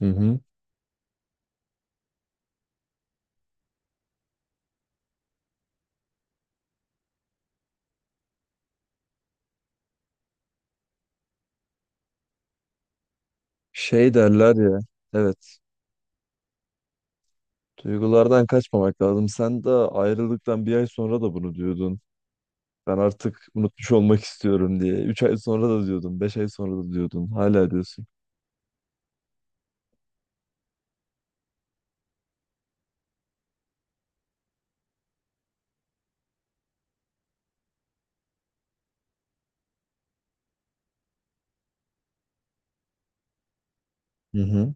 Hı hı. Şey derler ya. Evet. Duygulardan kaçmamak lazım. Sen de ayrılıktan bir ay sonra da bunu diyordun. Ben artık unutmuş olmak istiyorum diye. Üç ay sonra da diyordun. Beş ay sonra da diyordun. Hala diyorsun. Hı hı.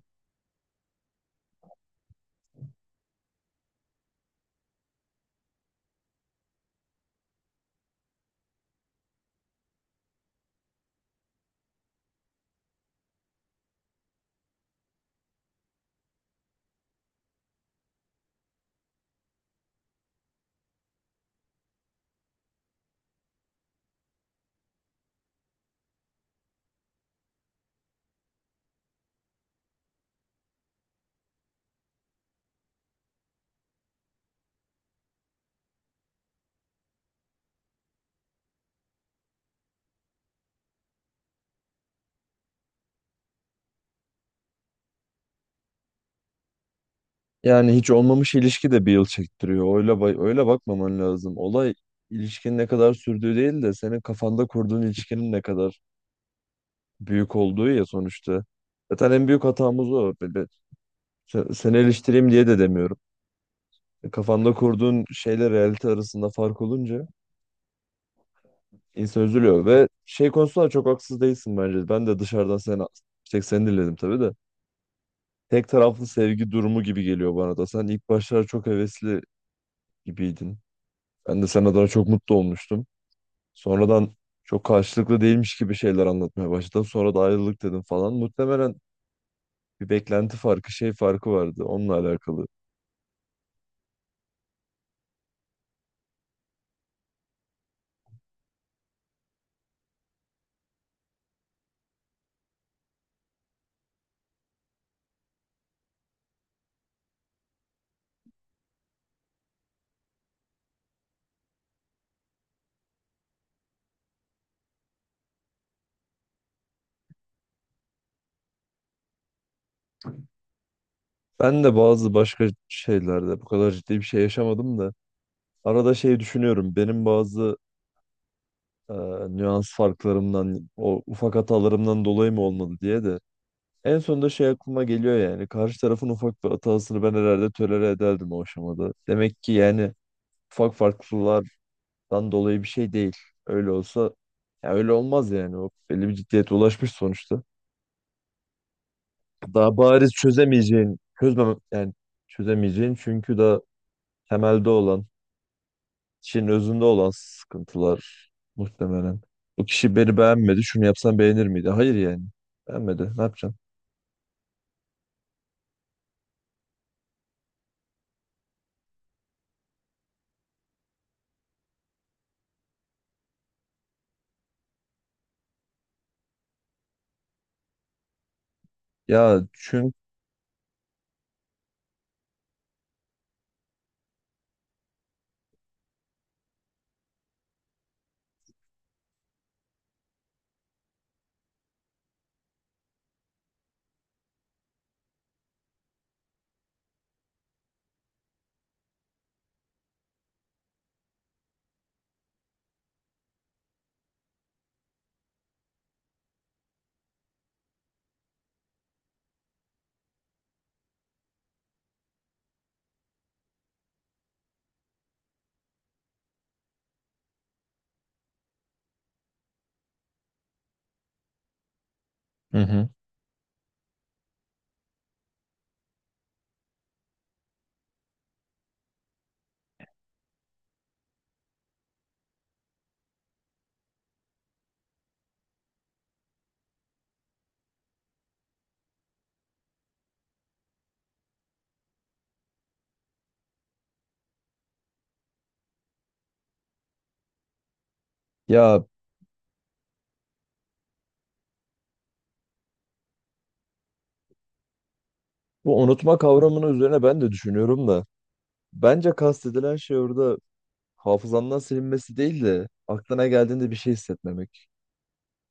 Yani hiç olmamış ilişki de bir yıl çektiriyor. Öyle, öyle bakmaman lazım. Olay ilişkinin ne kadar sürdüğü değil de senin kafanda kurduğun ilişkinin ne kadar büyük olduğu ya sonuçta. Zaten en büyük hatamız o. Böyle seni eleştireyim diye de demiyorum. Kafanda kurduğun şeyle realite arasında fark olunca insan üzülüyor ve şey konusunda da çok haksız değilsin bence. Ben de dışarıdan sen tek seni dinledim tabii de. Tek taraflı sevgi durumu gibi geliyor bana da. Sen ilk başlarda çok hevesli gibiydin. Ben de sen adına çok mutlu olmuştum. Sonradan çok karşılıklı değilmiş gibi şeyler anlatmaya başladın. Sonra da ayrılık dedim falan. Muhtemelen bir beklenti farkı, şey farkı vardı onunla alakalı. Ben de bazı başka şeylerde bu kadar ciddi bir şey yaşamadım da arada şey düşünüyorum. Benim bazı e, nüans farklarımdan, o ufak hatalarımdan dolayı mı olmadı diye de. En sonunda şey aklıma geliyor yani. Karşı tarafın ufak bir hatasını ben herhalde tolere ederdim o aşamada. Demek ki yani ufak farklılıklardan dolayı bir şey değil. Öyle olsa ya öyle olmaz yani. O belli bir ciddiyete ulaşmış sonuçta. Daha bariz çözemeyeceğin, çözmem yani çözemeyeceğin çünkü daha temelde olan kişinin özünde olan sıkıntılar muhtemelen. Bu kişi beni beğenmedi. Şunu yapsam beğenir miydi? Hayır yani. Beğenmedi. Ne yapacağım? Ya çünkü hı hı. Ya bu unutma kavramının üzerine ben de düşünüyorum da bence kastedilen şey orada hafızandan silinmesi değil de aklına geldiğinde bir şey hissetmemek.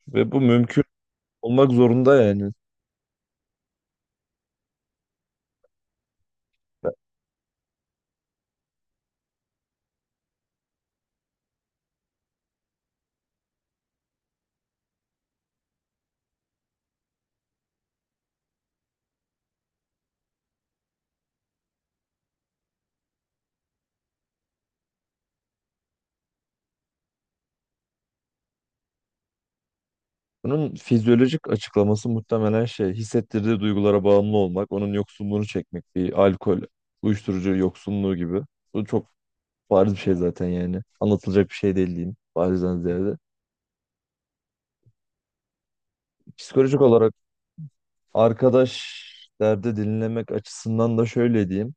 Ve bu mümkün olmak zorunda yani. Bunun fizyolojik açıklaması muhtemelen şey hissettirdiği duygulara bağımlı olmak, onun yoksunluğunu çekmek, bir alkol, uyuşturucu yoksunluğu gibi. Bu çok bariz bir şey zaten yani. Anlatılacak bir şey değil diyeyim. Barizden ziyade. Psikolojik olarak arkadaş derdi dinlemek açısından da şöyle diyeyim.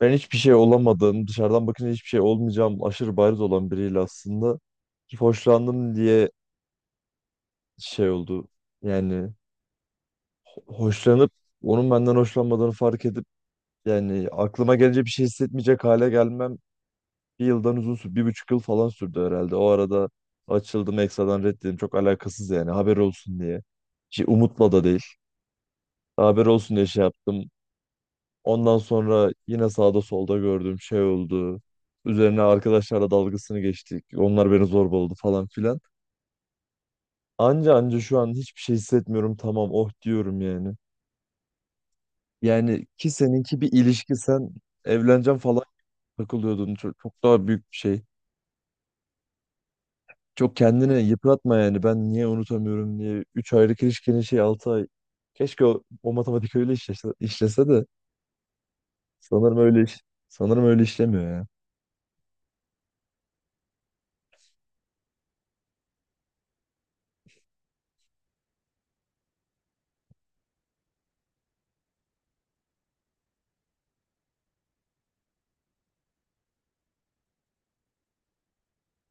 Ben hiçbir şey olamadığım, dışarıdan bakınca hiçbir şey olmayacağım aşırı bariz olan biriyle aslında hoşlandım diye şey oldu. Yani hoşlanıp onun benden hoşlanmadığını fark edip yani aklıma gelince bir şey hissetmeyecek hale gelmem bir yıldan uzun sürdü. Bir buçuk yıl falan sürdü herhalde. O arada açıldım Exa'dan reddedildim. Çok alakasız yani. Haber olsun diye. Şey, umutla da değil. Haber olsun diye şey yaptım. Ondan sonra yine sağda solda gördüğüm şey oldu. Üzerine arkadaşlarla dalgasını geçtik. Onlar beni zorbaladı falan filan. Anca anca şu an hiçbir şey hissetmiyorum. Tamam oh diyorum yani. Yani ki seninki bir ilişki, sen evleneceğim falan takılıyordun. Çok, çok daha büyük bir şey. Çok kendini yıpratma yani. Ben niye unutamıyorum diye. 3 aylık ilişkinin şey 6 ay. Keşke o matematik öyle işlese, işlese de sanırım sanırım öyle işlemiyor ya.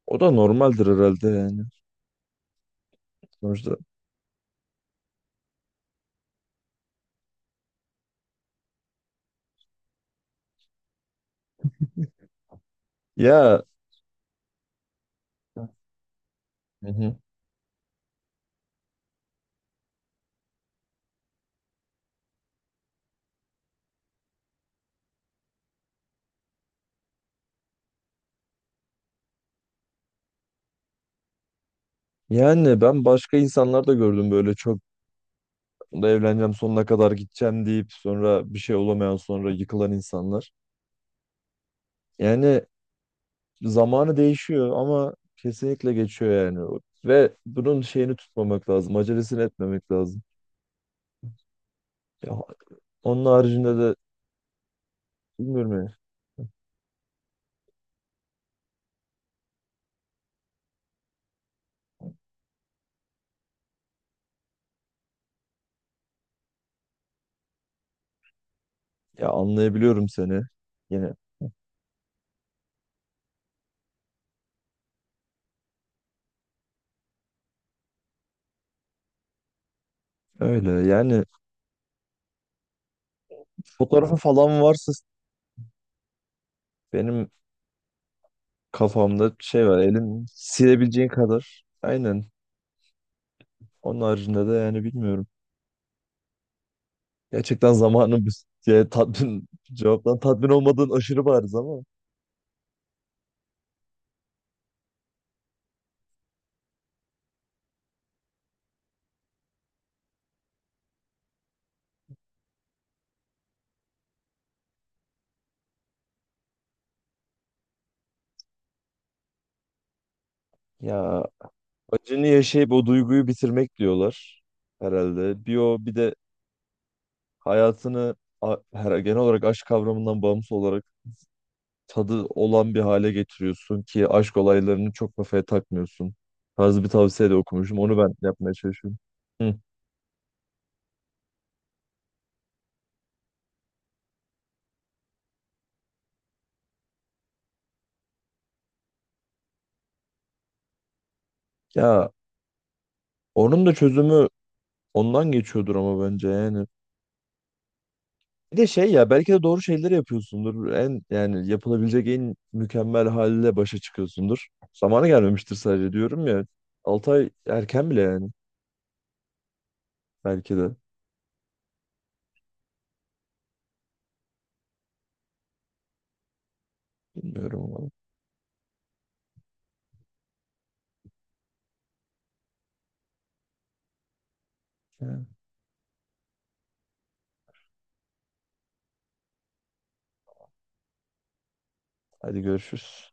O da normaldir herhalde yani. Sonuçta ya hı hı. Yani ben başka insanlar da gördüm böyle çok da evleneceğim sonuna kadar gideceğim deyip sonra bir şey olamayan sonra yıkılan insanlar. Yani zamanı değişiyor ama kesinlikle geçiyor yani. Ve bunun şeyini tutmamak lazım, acelesini etmemek lazım. Ya onun haricinde de bilmiyorum ya. Ya anlayabiliyorum seni. Yine öyle. Yani fotoğrafı falan varsa benim kafamda şey var. Elin silebileceğin kadar. Aynen. Onun haricinde de yani bilmiyorum. Gerçekten zamanın bir şey, tatmin cevaptan tatmin olmadığın aşırı bariz ama ya acını yaşayıp o duyguyu bitirmek diyorlar herhalde. Bir o bir de her genel olarak aşk kavramından bağımsız olarak tadı olan bir hale getiriyorsun ki aşk olaylarını çok kafaya takmıyorsun. Tarzı bir tavsiye de okumuşum. Onu ben yapmaya çalışıyorum. Hı. Ya onun da çözümü ondan geçiyordur ama bence yani. Bir de şey ya belki de doğru şeyleri yapıyorsundur. En yani yapılabilecek en mükemmel haliyle başa çıkıyorsundur. Zamanı gelmemiştir sadece diyorum ya. 6 ay erken bile yani belki de. Bilmiyorum ama. Yani. Hadi görüşürüz.